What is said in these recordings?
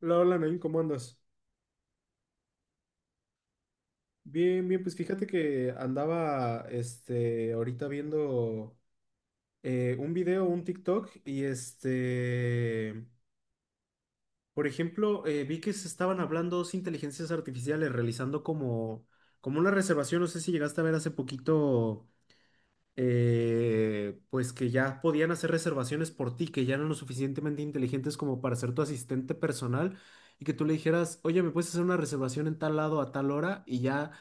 Hola, hola, Nain, ¿cómo andas? Bien, bien, pues fíjate que andaba, ahorita viendo un video, un TikTok, y por ejemplo, vi que se estaban hablando dos inteligencias artificiales realizando como, como una reservación, no sé si llegaste a ver hace poquito, pues que ya podían hacer reservaciones por ti, que ya eran lo suficientemente inteligentes como para ser tu asistente personal, y que tú le dijeras, oye, ¿me puedes hacer una reservación en tal lado a tal hora? Y ya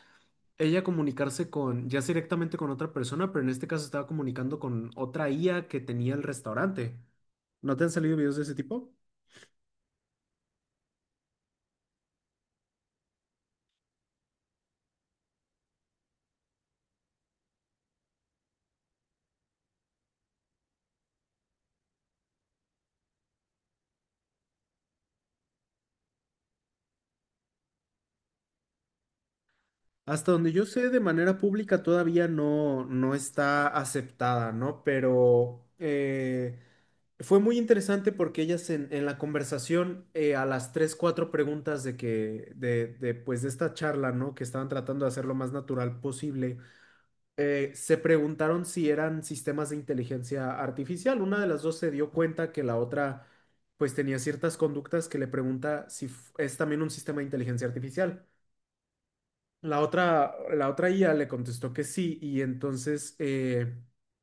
ella comunicarse con, ya sea directamente con otra persona, pero en este caso estaba comunicando con otra IA que tenía el restaurante. ¿No te han salido videos de ese tipo? Hasta donde yo sé, de manera pública todavía no, no está aceptada, ¿no? Pero fue muy interesante porque ellas en la conversación, a las tres, cuatro preguntas de que, pues de esta charla, ¿no? Que estaban tratando de hacer lo más natural posible se preguntaron si eran sistemas de inteligencia artificial. Una de las dos se dio cuenta que la otra pues tenía ciertas conductas que le pregunta si f- es también un sistema de inteligencia artificial. La otra IA le contestó que sí y entonces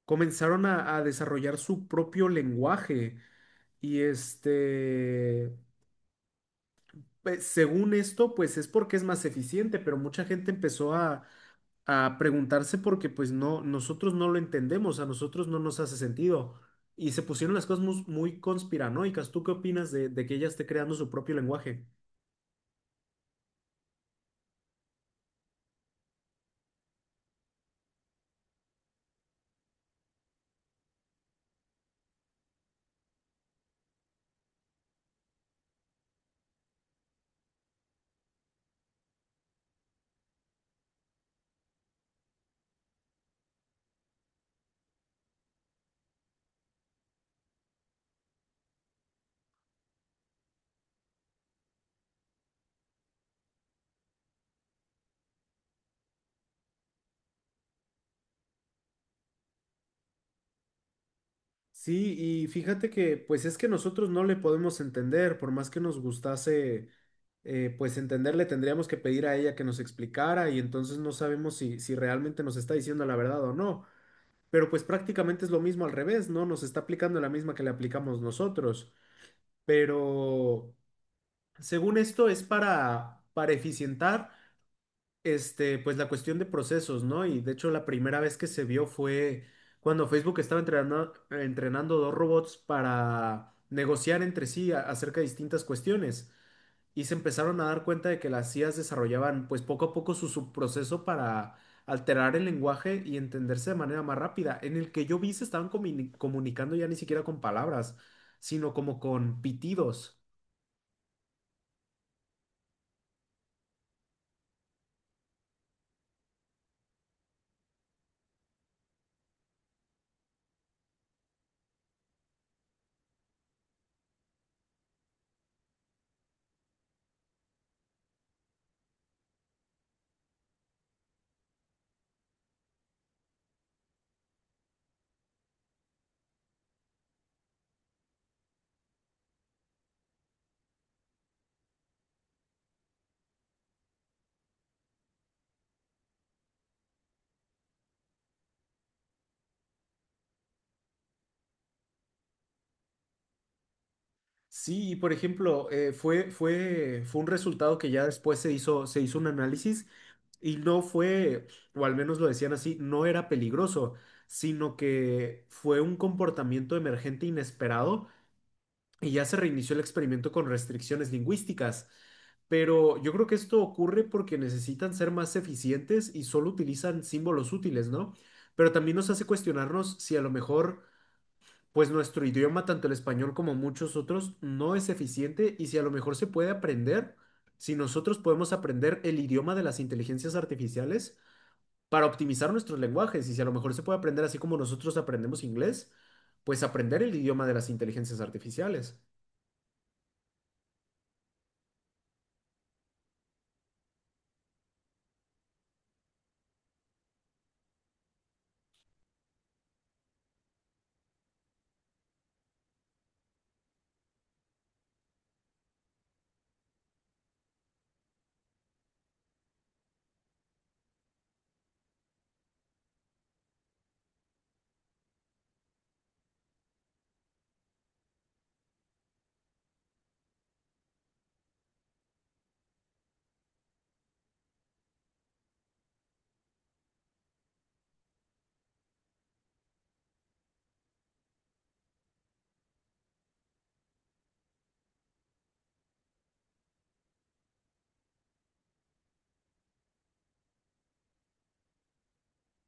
comenzaron a desarrollar su propio lenguaje y pues, según esto, pues es porque es más eficiente, pero mucha gente empezó a preguntarse porque pues no, nosotros no lo entendemos, a nosotros no nos hace sentido. Y se pusieron las cosas mus- muy, conspiranoicas. ¿Tú qué opinas de que ella esté creando su propio lenguaje? Sí, y fíjate que pues es que nosotros no le podemos entender, por más que nos gustase pues entenderle, tendríamos que pedir a ella que nos explicara y entonces no sabemos si, si realmente nos está diciendo la verdad o no. Pero pues prácticamente es lo mismo al revés, ¿no? Nos está aplicando la misma que le aplicamos nosotros. Pero según esto, es para eficientar pues la cuestión de procesos, ¿no? Y de hecho, la primera vez que se vio fue cuando Facebook estaba entrenando dos robots para negociar entre sí a- acerca de distintas cuestiones. Y se empezaron a dar cuenta de que las IAs desarrollaban, pues poco a poco, su subproceso para alterar el lenguaje y entenderse de manera más rápida. En el que yo vi se estaban comuni- comunicando ya ni siquiera con palabras, sino como con pitidos. Sí, y por ejemplo, fue un resultado que ya después se se hizo un análisis y no fue, o al menos lo decían así, no era peligroso, sino que fue un comportamiento emergente inesperado y ya se reinició el experimento con restricciones lingüísticas. Pero yo creo que esto ocurre porque necesitan ser más eficientes y solo utilizan símbolos útiles, ¿no? Pero también nos hace cuestionarnos si a lo mejor pues nuestro idioma, tanto el español como muchos otros, no es eficiente y si a lo mejor se puede aprender, si nosotros podemos aprender el idioma de las inteligencias artificiales para optimizar nuestros lenguajes y si a lo mejor se puede aprender así como nosotros aprendemos inglés, pues aprender el idioma de las inteligencias artificiales.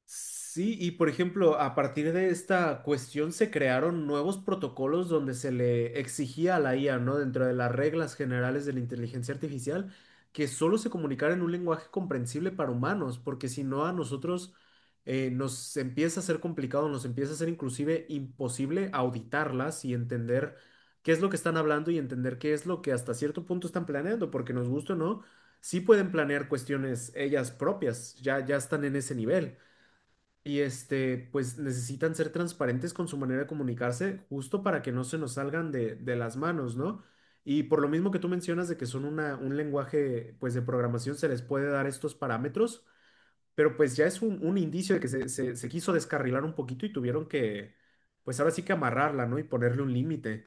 Sí, y por ejemplo, a partir de esta cuestión se crearon nuevos protocolos donde se le exigía a la IA, ¿no? Dentro de las reglas generales de la inteligencia artificial, que solo se comunicara en un lenguaje comprensible para humanos, porque si no a nosotros nos empieza a ser complicado, nos empieza a ser inclusive imposible auditarlas y entender qué es lo que están hablando y entender qué es lo que hasta cierto punto están planeando, porque nos gusta o no, sí pueden planear cuestiones ellas propias, ya están en ese nivel y pues necesitan ser transparentes con su manera de comunicarse, justo para que no se nos salgan de las manos, ¿no? Y por lo mismo que tú mencionas de que son una, un lenguaje, pues de programación, se les puede dar estos parámetros, pero pues ya es un indicio de que se quiso descarrilar un poquito y tuvieron que, pues ahora sí que amarrarla, ¿no? Y ponerle un límite.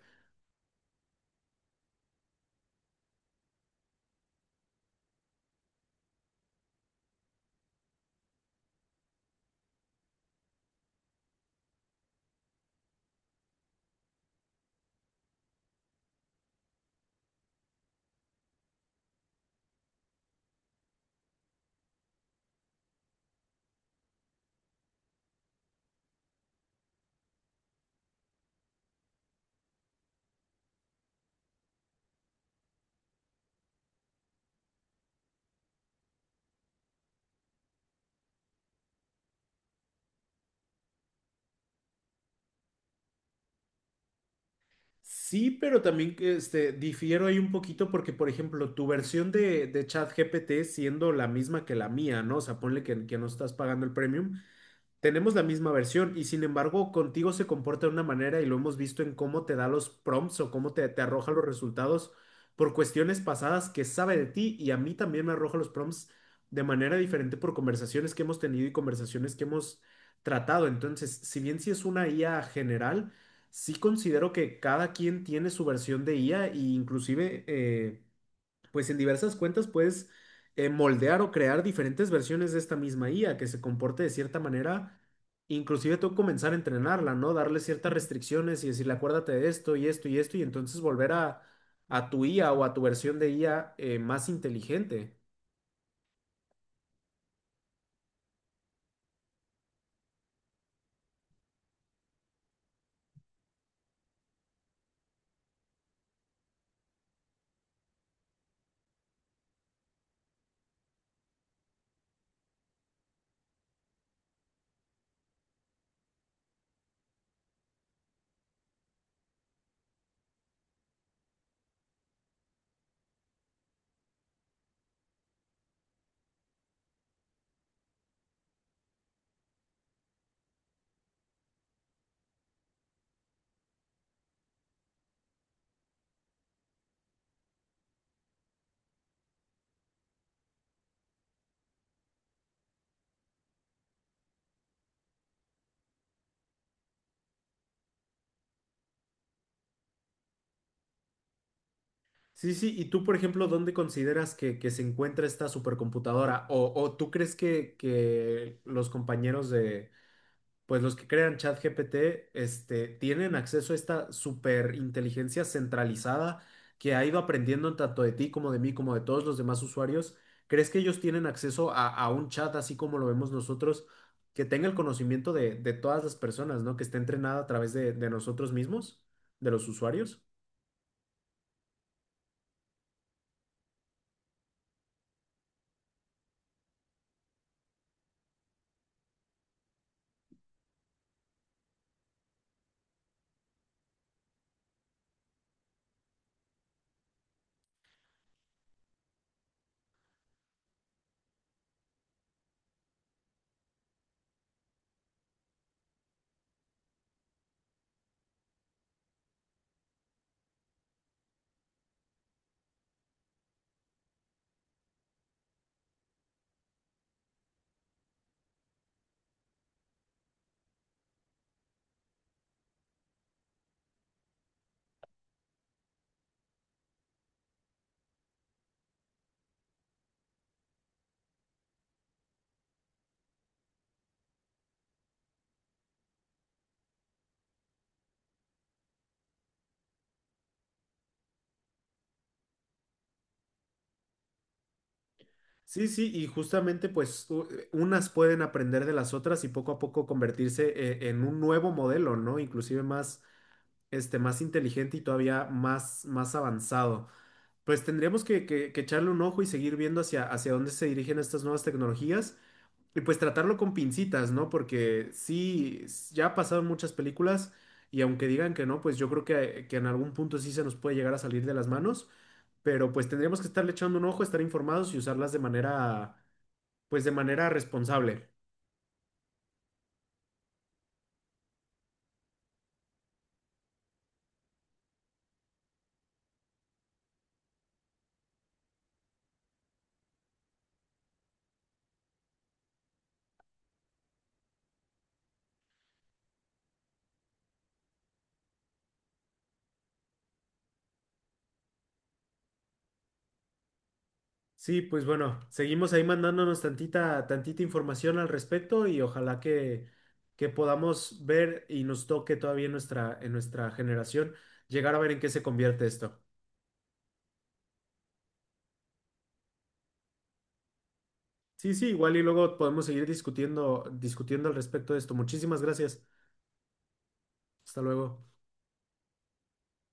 Sí, pero también que, difiero ahí un poquito porque, por ejemplo, tu versión de ChatGPT siendo la misma que la mía, ¿no? O sea, ponle que no estás pagando el premium. Tenemos la misma versión y sin embargo contigo se comporta de una manera y lo hemos visto en cómo te da los prompts o cómo te, te arroja los resultados por cuestiones pasadas que sabe de ti y a mí también me arroja los prompts de manera diferente por conversaciones que hemos tenido y conversaciones que hemos tratado. Entonces, si bien si es una IA general, sí considero que cada quien tiene su versión de IA e inclusive... pues en diversas cuentas puedes moldear o crear diferentes versiones de esta misma IA que se comporte de cierta manera, inclusive tú comenzar a entrenarla, ¿no? Darle ciertas restricciones y decirle, acuérdate de esto y esto y esto, y entonces volver a tu IA o a tu versión de IA más inteligente. Sí, sí, y tú, por ejemplo, ¿dónde consideras que se encuentra esta supercomputadora? O tú crees que los compañeros de pues los que crean ChatGPT, tienen acceso a esta superinteligencia centralizada que ha ido aprendiendo tanto de ti como de mí, como de todos los demás usuarios. ¿Crees que ellos tienen acceso a un chat así como lo vemos nosotros, que tenga el conocimiento de todas las personas, ¿no? Que esté entrenada a través de nosotros mismos, de los usuarios? Sí, sí, y justamente pues u- unas pueden aprender de las otras y poco a poco convertirse en un nuevo modelo, ¿no? Inclusive más más inteligente y todavía más, más avanzado. Pues tendríamos que echarle un ojo y seguir viendo hacia, hacia dónde se dirigen estas nuevas tecnologías y pues tratarlo con pincitas, ¿no? Porque sí, s- ya ha pasado en muchas películas y aunque digan que no, pues yo creo que en algún punto sí se nos puede llegar a salir de las manos, pero pues tendríamos que estarle echando un ojo, estar informados y usarlas de manera, pues de manera responsable. Sí, pues bueno, seguimos ahí mandándonos tantita, tantita información al respecto y ojalá que podamos ver y nos toque todavía en nuestra generación llegar a ver en qué se convierte esto. Sí, sí, igual y luego podemos seguir discutiendo al respecto de esto. Muchísimas gracias. Hasta luego.